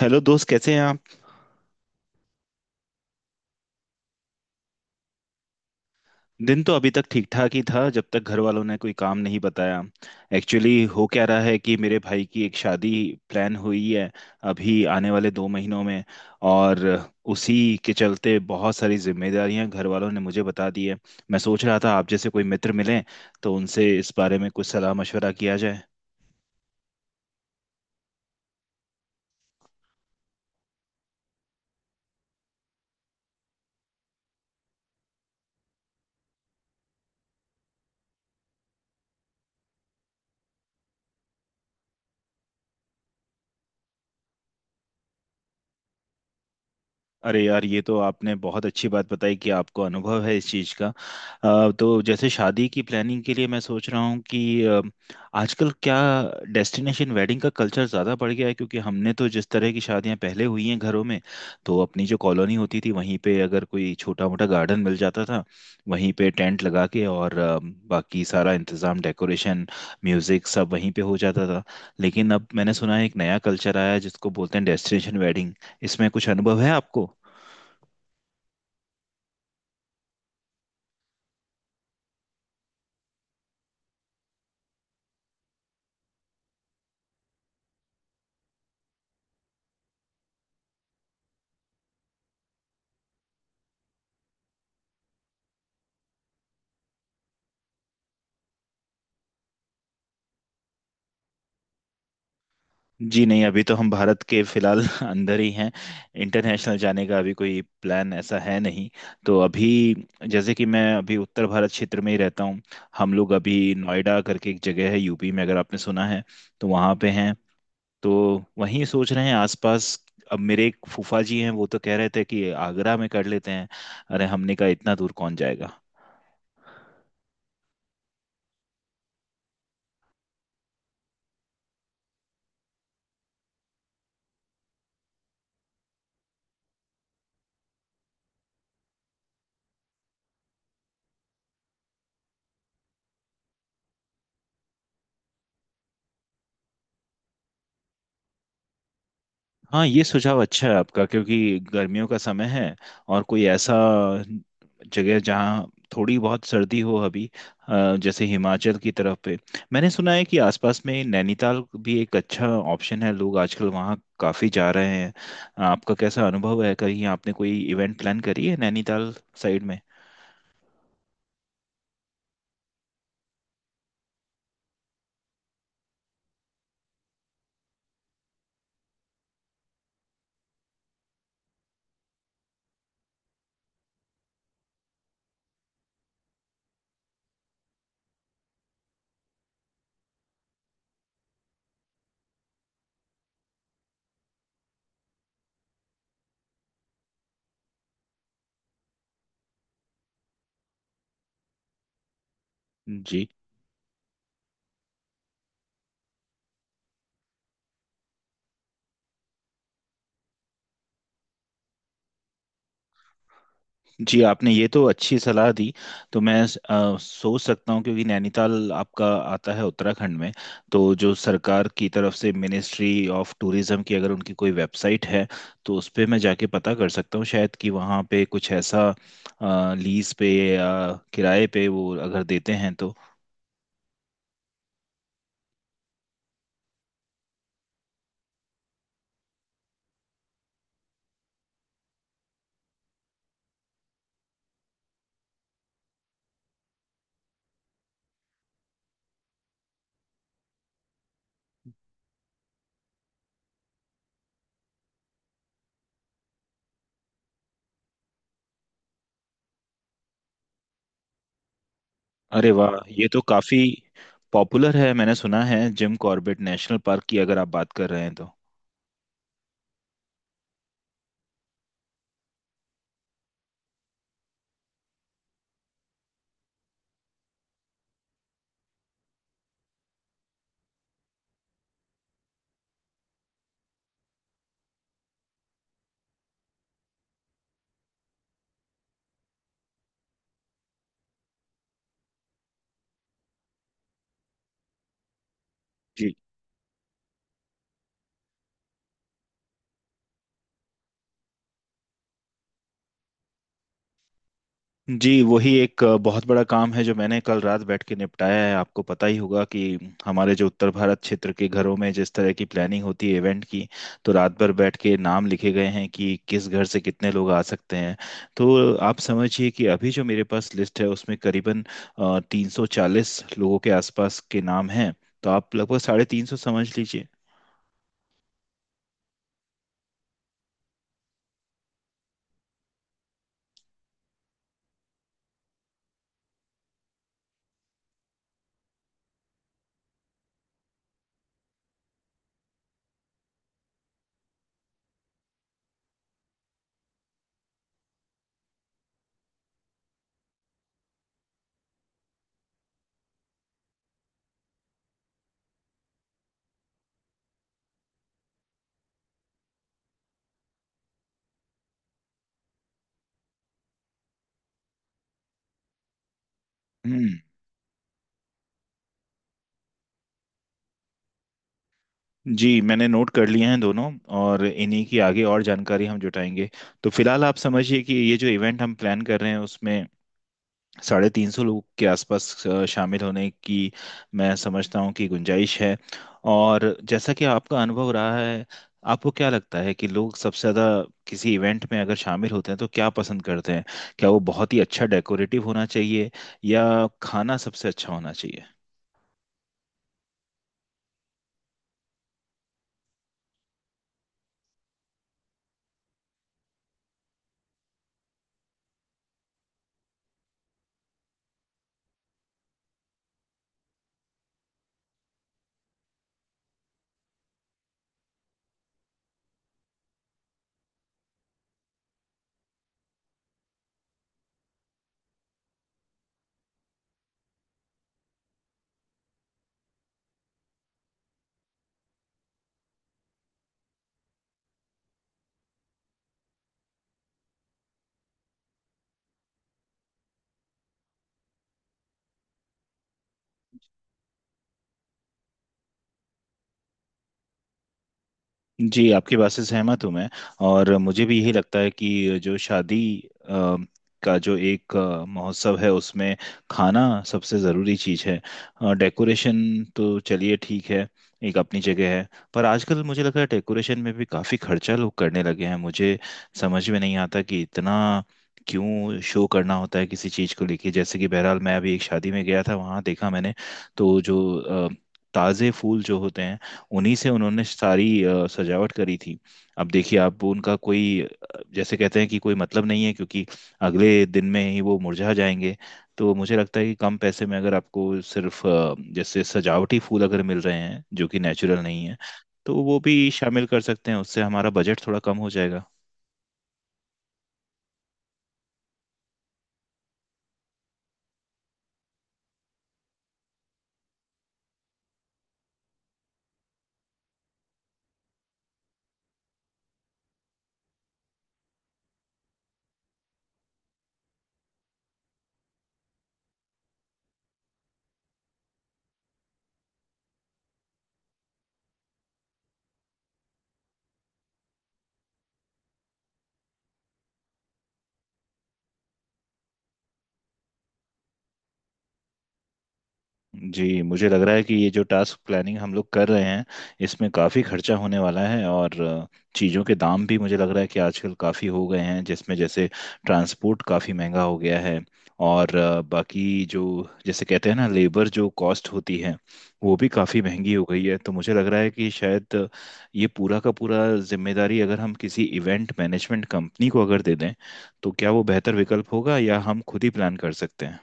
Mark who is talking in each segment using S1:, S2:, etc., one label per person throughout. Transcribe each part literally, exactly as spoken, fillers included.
S1: Hello दोस्त, कैसे हैं आप। दिन तो अभी तक ठीक ठाक ही था, जब तक घर वालों ने कोई काम नहीं बताया। एक्चुअली हो क्या रहा है कि मेरे भाई की एक शादी प्लान हुई है अभी आने वाले दो महीनों में। और उसी के चलते बहुत सारी जिम्मेदारियां घर वालों ने मुझे बता दी है। मैं सोच रहा था आप जैसे कोई मित्र मिलें तो उनसे इस बारे में कुछ सलाह मशवरा किया जाए। अरे यार, ये तो आपने बहुत अच्छी बात बताई कि आपको अनुभव है इस चीज़ का। अ, तो जैसे शादी की प्लानिंग के लिए मैं सोच रहा हूँ कि अ, आजकल क्या डेस्टिनेशन वेडिंग का कल्चर ज़्यादा बढ़ गया है। क्योंकि हमने तो जिस तरह की शादियाँ पहले हुई हैं घरों में, तो अपनी जो कॉलोनी होती थी वहीं पे अगर कोई छोटा मोटा गार्डन मिल जाता था, वहीं पे टेंट लगा के और अ, बाकी सारा इंतज़ाम, डेकोरेशन, म्यूज़िक सब वहीं पे हो जाता था। लेकिन अब मैंने सुना है एक नया कल्चर आया है जिसको बोलते हैं डेस्टिनेशन वेडिंग। इसमें कुछ अनुभव है आपको। जी नहीं, अभी तो हम भारत के फिलहाल अंदर ही हैं। इंटरनेशनल जाने का अभी कोई प्लान ऐसा है नहीं। तो अभी, जैसे कि मैं अभी उत्तर भारत क्षेत्र में ही रहता हूँ। हम लोग अभी नोएडा करके एक जगह है यूपी में, अगर आपने सुना है, तो वहाँ पे हैं। तो वहीं सोच रहे हैं आसपास। अब मेरे एक फूफा जी हैं वो तो कह रहे थे कि आगरा में कर लेते हैं। अरे हमने कहा इतना दूर कौन जाएगा। हाँ, ये सुझाव अच्छा है आपका, क्योंकि गर्मियों का समय है। और कोई ऐसा जगह जहाँ थोड़ी बहुत सर्दी हो अभी, अ, जैसे हिमाचल की तरफ पे। मैंने सुना है कि आसपास में नैनीताल भी एक अच्छा ऑप्शन है, लोग आजकल वहाँ काफ़ी जा रहे हैं। आपका कैसा अनुभव है, कहीं आपने कोई इवेंट प्लान करी है नैनीताल साइड में। जी जी, आपने ये तो अच्छी सलाह दी। तो मैं अ, सोच सकता हूँ, क्योंकि नैनीताल आपका आता है उत्तराखंड में। तो जो सरकार की तरफ से मिनिस्ट्री ऑफ टूरिज्म की अगर उनकी कोई वेबसाइट है तो उस पे मैं जाके पता कर सकता हूँ शायद कि वहाँ पे कुछ ऐसा लीज पे या किराए पे वो अगर देते हैं तो। अरे वाह, ये तो काफ़ी पॉपुलर है, मैंने सुना है। जिम कॉर्बेट नेशनल पार्क की अगर आप बात कर रहे हैं तो। जी जी, वही एक अ, बहुत बड़ा काम है जो मैंने कल रात बैठ के निपटाया है। आपको पता ही होगा कि हमारे जो उत्तर भारत क्षेत्र के घरों में जिस तरह की प्लानिंग होती है इवेंट की, तो रात भर बैठ के नाम लिखे गए हैं कि किस घर से कितने लोग आ सकते हैं। तो आप समझिए कि अभी जो मेरे पास लिस्ट है उसमें करीबन तीन सौ चालीस लोगों के आसपास के नाम हैं। तो आप लगभग साढ़े तीन सौ समझ लीजिए। हम्म। जी, मैंने नोट कर लिए हैं दोनों, और इन्हीं की आगे और जानकारी हम जुटाएंगे। तो फिलहाल आप समझिए कि ये जो इवेंट हम प्लान कर रहे हैं उसमें साढ़े तीन सौ लोग के आसपास अ, शामिल होने की मैं समझता हूँ कि गुंजाइश है। और जैसा कि आपका अनुभव रहा है, आपको क्या लगता है कि लोग सबसे ज़्यादा किसी इवेंट में अगर शामिल होते हैं तो क्या पसंद करते हैं। क्या वो बहुत ही अच्छा डेकोरेटिव होना चाहिए, या खाना सबसे अच्छा होना चाहिए। जी, आपकी बात से सहमत हूँ मैं। और मुझे भी यही लगता है कि जो शादी अ, का जो एक अ, महोत्सव है उसमें खाना सबसे ज़रूरी चीज़ है। डेकोरेशन तो चलिए ठीक है, एक अपनी जगह है। पर आजकल मुझे लग रहा है डेकोरेशन में भी काफ़ी खर्चा लोग करने लगे हैं। मुझे समझ में नहीं आता कि इतना क्यों शो करना होता है किसी चीज़ को लेके। जैसे कि बहरहाल मैं अभी एक शादी में गया था, वहाँ देखा मैंने, तो जो अ, ताज़े फूल जो होते हैं उन्हीं से उन्होंने सारी अ, सजावट करी थी। अब देखिए आप, उनका कोई अ, जैसे कहते हैं कि कोई मतलब नहीं है, क्योंकि अगले दिन में ही वो मुरझा जाएंगे। तो मुझे लगता है कि कम पैसे में अगर आपको सिर्फ अ, जैसे सजावटी फूल अगर मिल रहे हैं जो कि नेचुरल नहीं है, तो वो भी शामिल कर सकते हैं, उससे हमारा बजट थोड़ा कम हो जाएगा। जी, मुझे लग रहा है कि ये जो टास्क प्लानिंग हम लोग कर रहे हैं इसमें काफ़ी खर्चा होने वाला है। और चीज़ों के दाम भी मुझे लग रहा है कि आजकल काफ़ी हो गए हैं, जिसमें जैसे ट्रांसपोर्ट काफ़ी महंगा हो गया है। और अ, बाकी जो जैसे कहते हैं ना लेबर जो कॉस्ट होती है, वो भी काफ़ी महंगी हो गई है। तो मुझे लग रहा है कि शायद ये पूरा का पूरा जिम्मेदारी अगर हम किसी इवेंट मैनेजमेंट कंपनी को अगर दे दें, तो क्या वो बेहतर विकल्प होगा, या हम खुद ही प्लान कर सकते हैं।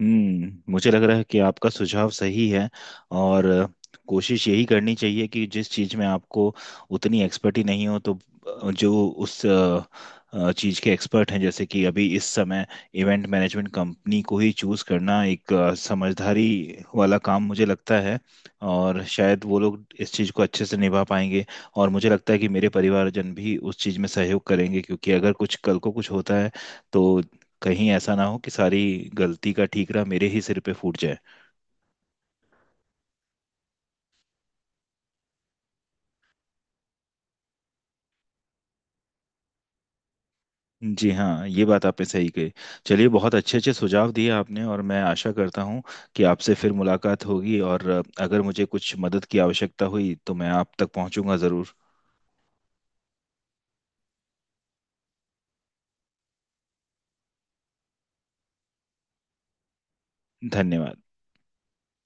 S1: हम्म, मुझे लग रहा है कि आपका सुझाव सही है। और कोशिश यही करनी चाहिए कि जिस चीज़ में आपको उतनी एक्सपर्टी नहीं हो, तो जो उस चीज़ के एक्सपर्ट हैं, जैसे कि अभी इस समय इवेंट मैनेजमेंट कंपनी को ही चूज़ करना एक अ, समझदारी वाला काम मुझे लगता है। और शायद वो लोग इस चीज़ को अच्छे से निभा पाएंगे। और मुझे लगता है कि मेरे परिवारजन भी उस चीज़ में सहयोग करेंगे, क्योंकि अगर कुछ कल को कुछ होता है, तो कहीं ऐसा ना हो कि सारी गलती का ठीकरा मेरे ही सिर पे फूट जाए। जी हाँ, ये बात आपने सही कही। चलिए, बहुत अच्छे अच्छे सुझाव दिए आपने, और मैं आशा करता हूँ कि आपसे फिर मुलाकात होगी। और अ, अगर मुझे कुछ मदद की आवश्यकता हुई तो मैं आप तक पहुँचूंगा ज़रूर। धन्यवाद।